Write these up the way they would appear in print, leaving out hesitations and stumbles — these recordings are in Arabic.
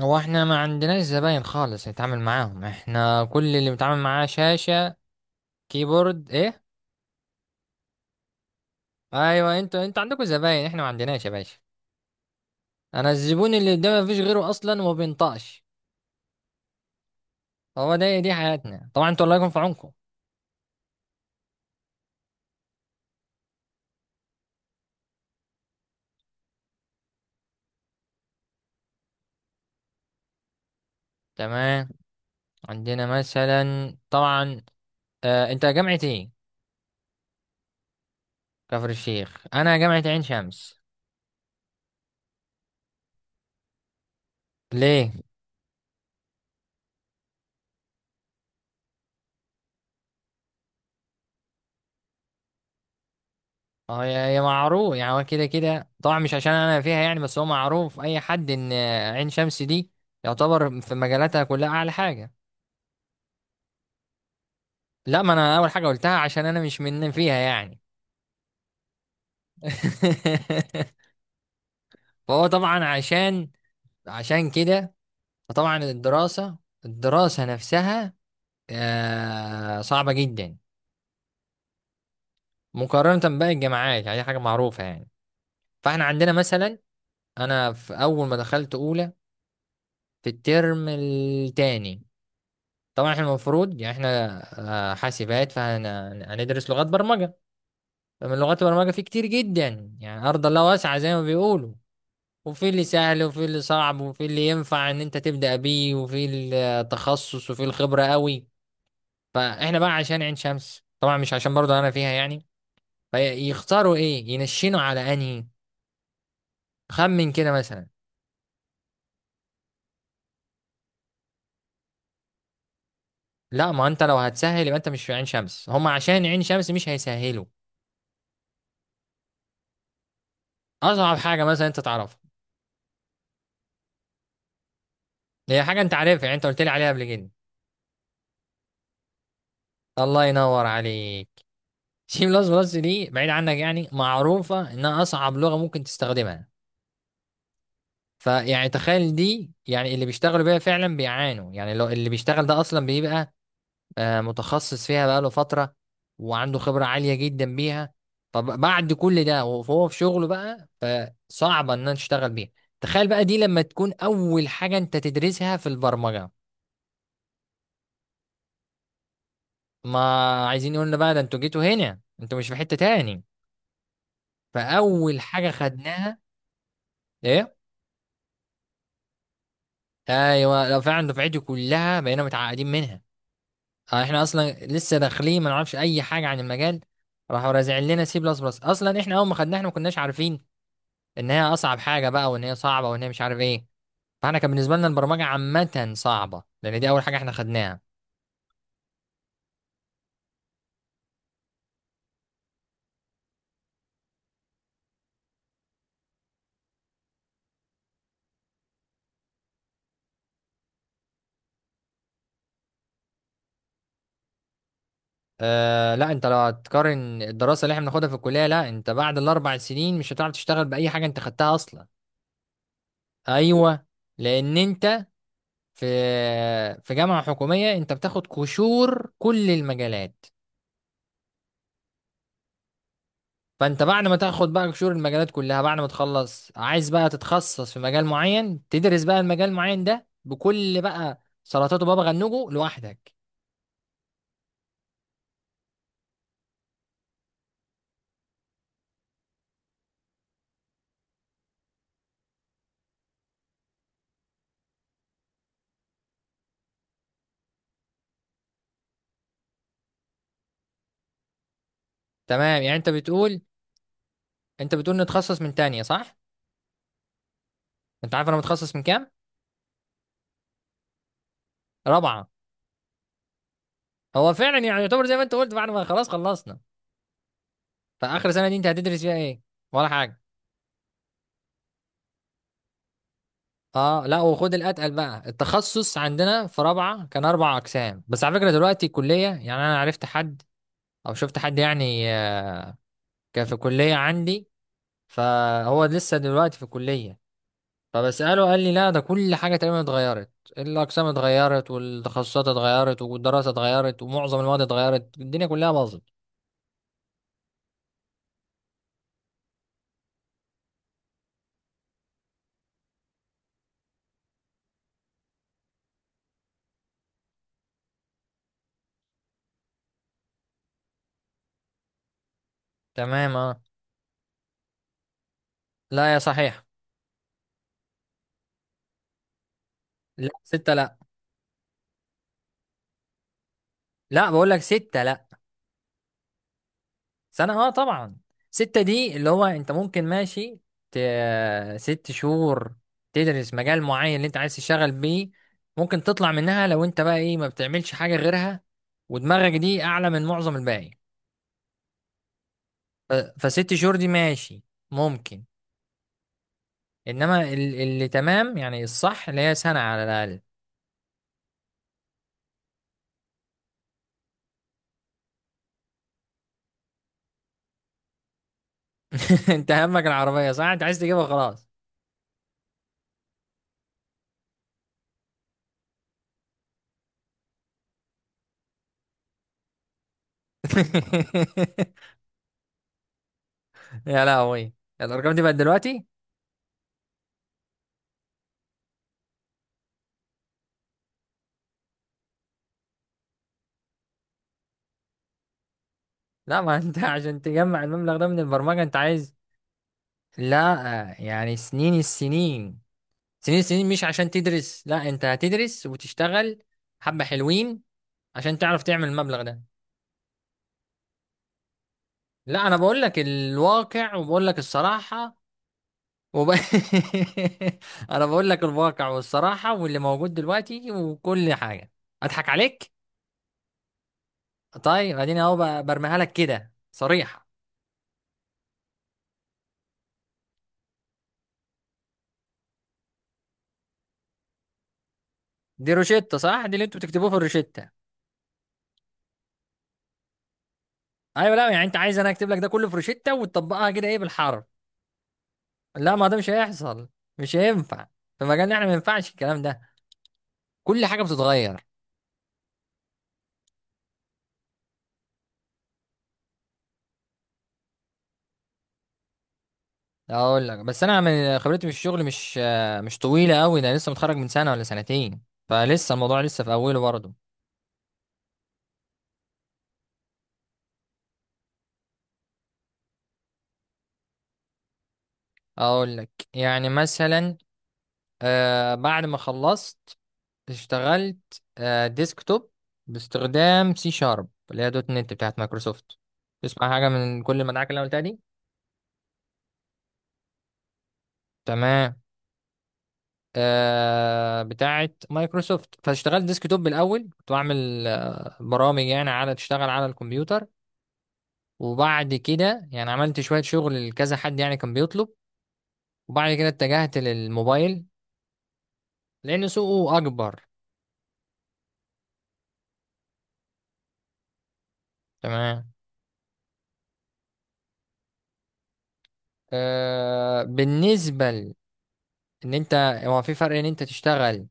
هو احنا ما عندناش زباين خالص نتعامل معاهم، احنا كل اللي بنتعامل معاه شاشة كيبورد ايه. ايوه انتوا عندكم زباين، احنا ما عندناش يا باشا. انا الزبون اللي قدامي مفيش غيره اصلا وما بينطقش. هو دي حياتنا طبعا، انتوا الله يكون في عونكم. تمام، عندنا مثلا طبعا. انت جامعة ايه؟ كفر الشيخ. انا جامعة عين شمس. ليه؟ اه، يا معروف يعني، هو كده كده طبعا، مش عشان انا فيها يعني، بس هو معروف اي حد ان عين شمس دي يعتبر في مجالاتها كلها اعلى حاجه. لا، ما انا اول حاجه قلتها عشان انا مش من فيها يعني. فهو طبعا عشان كده، فطبعا الدراسه نفسها صعبه جدا، مقارنه بقى الجامعات، يعني دي حاجه معروفه يعني. فاحنا عندنا مثلا، انا في اول ما دخلت اولى، في الترم التاني، طبعا احنا المفروض يعني احنا حاسبات، فهندرس لغات برمجة. فمن لغات البرمجة في كتير جدا، يعني أرض الله واسعة زي ما بيقولوا، وفي اللي سهل وفي اللي صعب وفي اللي ينفع ان انت تبدأ بيه وفي التخصص وفي الخبرة قوي. فاحنا بقى عشان عين شمس طبعا، مش عشان برضه انا فيها يعني، فيختاروا ايه، ينشنوا على انهي. خمن كده مثلا. لا، ما انت لو هتسهل يبقى انت مش في عين شمس، هم عشان عين شمس مش هيسهلوا. اصعب حاجة مثلا انت تعرفها. هي حاجة انت عارفها، يعني انت قلت لي عليها قبل كده. الله ينور عليك. سي بلس بلس دي بعيد عنك يعني، معروفة انها اصعب لغة ممكن تستخدمها. فيعني تخيل دي، يعني اللي بيشتغلوا بيها فعلا بيعانوا، يعني لو اللي بيشتغل ده اصلا بيبقى متخصص فيها بقاله فترة وعنده خبرة عالية جدا بيها، فبعد كل ده وهو في شغله بقى، فصعبة ان أنا تشتغل بيها. تخيل بقى دي لما تكون اول حاجة انت تدرسها في البرمجة. ما عايزين يقولنا بقى، ده انتوا جيتوا هنا، انتوا مش في حتة تاني. فاول حاجة خدناها، ايه؟ ايوه، لو فعلا دفعتي كلها بقينا متعقدين منها. احنا اصلا لسه داخلين، ما نعرفش اي حاجه عن المجال، راحوا رازعين لنا سي بلس بلس. اصلا احنا اول ما خدناها احنا ما كناش عارفين ان هي اصعب حاجه بقى، وان هي صعبه، وان هي مش عارف ايه. فاحنا كان بالنسبه لنا البرمجه عامه صعبه لان دي اول حاجه احنا خدناها. أه لا، انت لو هتقارن الدراسه اللي احنا بناخدها في الكليه، لا، انت بعد 4 سنين مش هتعرف تشتغل باي حاجه انت خدتها اصلا. ايوه. لان انت في في جامعه حكوميه انت بتاخد قشور كل المجالات. فانت بعد ما تاخد بقى قشور المجالات كلها، بعد ما تخلص عايز بقى تتخصص في مجال معين، تدرس بقى المجال المعين ده بكل بقى سلطاته، بابا غنوجه لوحدك. تمام، يعني انت بتقول نتخصص من تانية، صح؟ انت عارف انا متخصص من كام؟ رابعة. هو فعلا يعني، يعتبر زي ما انت قلت، بعد ما خلاص خلصنا، فاخر سنة دي انت هتدرس فيها ايه؟ ولا حاجة. اه لا، وخد الاتقل بقى، التخصص عندنا في رابعة كان 4 اقسام بس. على فكرة دلوقتي الكلية، يعني انا عرفت حد او شفت حد يعني، كان في كلية عندي، فهو لسه دلوقتي في الكلية، فبسأله قال لي لا، ده كل حاجة تقريبا اتغيرت. الأقسام اتغيرت، والتخصصات اتغيرت، والدراسة اتغيرت، ومعظم المواد اتغيرت، الدنيا كلها باظت. تمام. اه لا، يا صحيح. لا، ستة لا. لا، بقول لك ستة لا. سنة، اه طبعا. ستة دي اللي هو انت ممكن ماشي، ت... 6 شهور تدرس مجال معين اللي انت عايز تشتغل بيه، ممكن تطلع منها لو انت بقى ايه، ما بتعملش حاجة غيرها ودماغك دي اعلى من معظم الباقي. ف6 شهور دي ماشي، ممكن. انما اللي تمام يعني الصح اللي هي سنة على الاقل. انت همك العربية، صح؟ انت عايز تجيبها خلاص. يا لهوي، الارقام دي بقت دلوقتي! لا، ما انت عشان تجمع المبلغ ده من البرمجة انت عايز؟ لا يعني، سنين السنين مش عشان تدرس، لا، انت هتدرس وتشتغل حبة حلوين عشان تعرف تعمل المبلغ ده. لا، انا بقول لك الواقع وبقول لك الصراحة. وب... انا بقول لك الواقع والصراحه واللي موجود دلوقتي وكل حاجه، اضحك عليك. طيب، اديني اهو، برميها لك كده صريحه. دي روشته، صح؟ دي اللي انتوا بتكتبوه في الروشته. ايوه، لا يعني، انت عايز انا اكتب لك ده كله في روشته وتطبقها كده ايه، بالحرف؟ لا ما ده مش هيحصل، مش هينفع. في مجالنا احنا ما ينفعش الكلام ده، كل حاجه بتتغير. اقول لك، بس انا من خبرتي في الشغل مش طويله قوي، ده لسه متخرج من سنه ولا سنتين، فلسه الموضوع لسه في اوله برضه. اقول لك يعني مثلا، بعد ما خلصت اشتغلت ديسكتوب، باستخدام سي شارب اللي هي دوت نت بتاعت مايكروسوفت. تسمع حاجه من كل المدعكه اللي انا قلتها دي؟ تمام. بتاعت مايكروسوفت. فاشتغلت ديسكتوب بالاول، كنت بعمل برامج يعني، على تشتغل على الكمبيوتر، وبعد كده يعني عملت شويه شغل لكذا حد يعني، كان بيطلب. وبعد كده اتجهت للموبايل لان سوقه اكبر. تمام. بالنسبة ان انت، هو في فرق ان انت تشتغل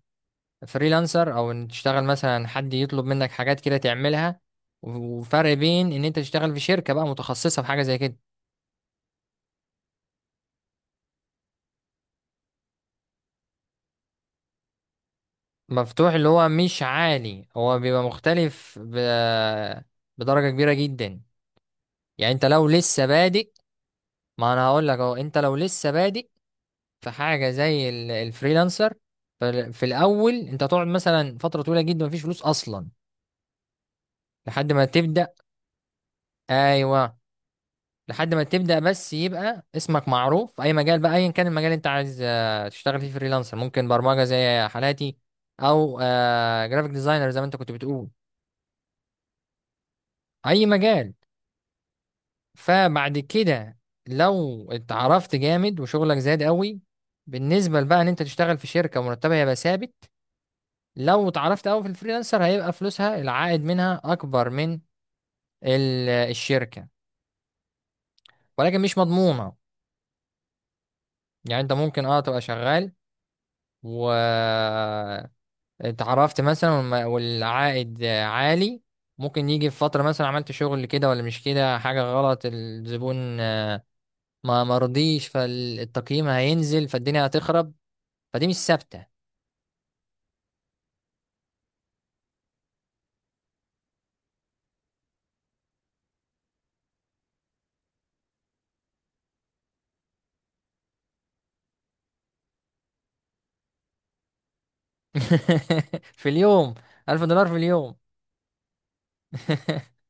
فريلانسر، او ان تشتغل مثلا حد يطلب منك حاجات كده تعملها، و- وفرق بين ان انت تشتغل في شركة بقى متخصصة في حاجة زي كده. مفتوح، اللي هو مش عالي، هو بيبقى مختلف بدرجة كبيرة جدا. يعني انت لو لسه بادئ، ما انا هقول لك اهو، انت لو لسه بادئ في حاجة زي الفريلانسر، في الاول انت هتقعد مثلا فترة طويلة جدا مفيش فلوس اصلا لحد ما تبدأ. ايوه. لحد ما تبدأ بس، يبقى اسمك معروف في أي مجال بقى، أيا كان المجال اللي أنت عايز تشتغل فيه فريلانسر، ممكن برمجة زي حالاتي، أو جرافيك ديزاينر زي ما أنت كنت بتقول، أي مجال. فبعد كده، لو اتعرفت جامد وشغلك زاد قوي، بالنسبة بقى إن أنت تشتغل في شركة مرتبها هيبقى ثابت، لو اتعرفت قوي في الفريلانسر هيبقى فلوسها، العائد منها أكبر من الشركة، ولكن مش مضمونة. يعني أنت ممكن تبقى شغال و اتعرفت مثلا والعائد عالي، ممكن يجي في فترة مثلا عملت شغل كده ولا مش كده، حاجة غلط، الزبون ما مرضيش، فالتقييم هينزل، فالدنيا هتخرب، فدي مش ثابتة. في اليوم؟ $1000 في اليوم!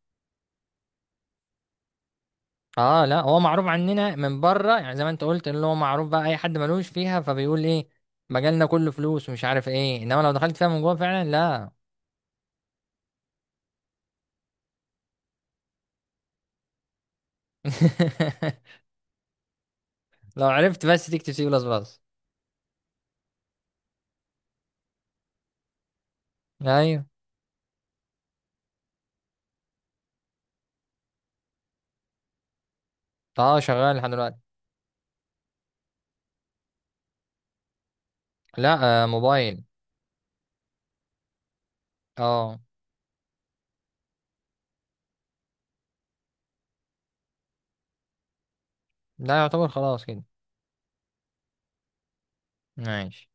اه لا، هو معروف عننا من بره، يعني زي ما انت قلت، اللي هو معروف بقى اي حد ملوش فيها فبيقول ايه، مجالنا كله فلوس ومش عارف ايه، انما لو دخلت فيها من جوه فعلا لا. لو عرفت بس تكتب سي بلس بلس. ايوه. اه، شغال لحد دلوقتي. لا، موبايل. اه. لا، يعتبر خلاص كده. ماشي.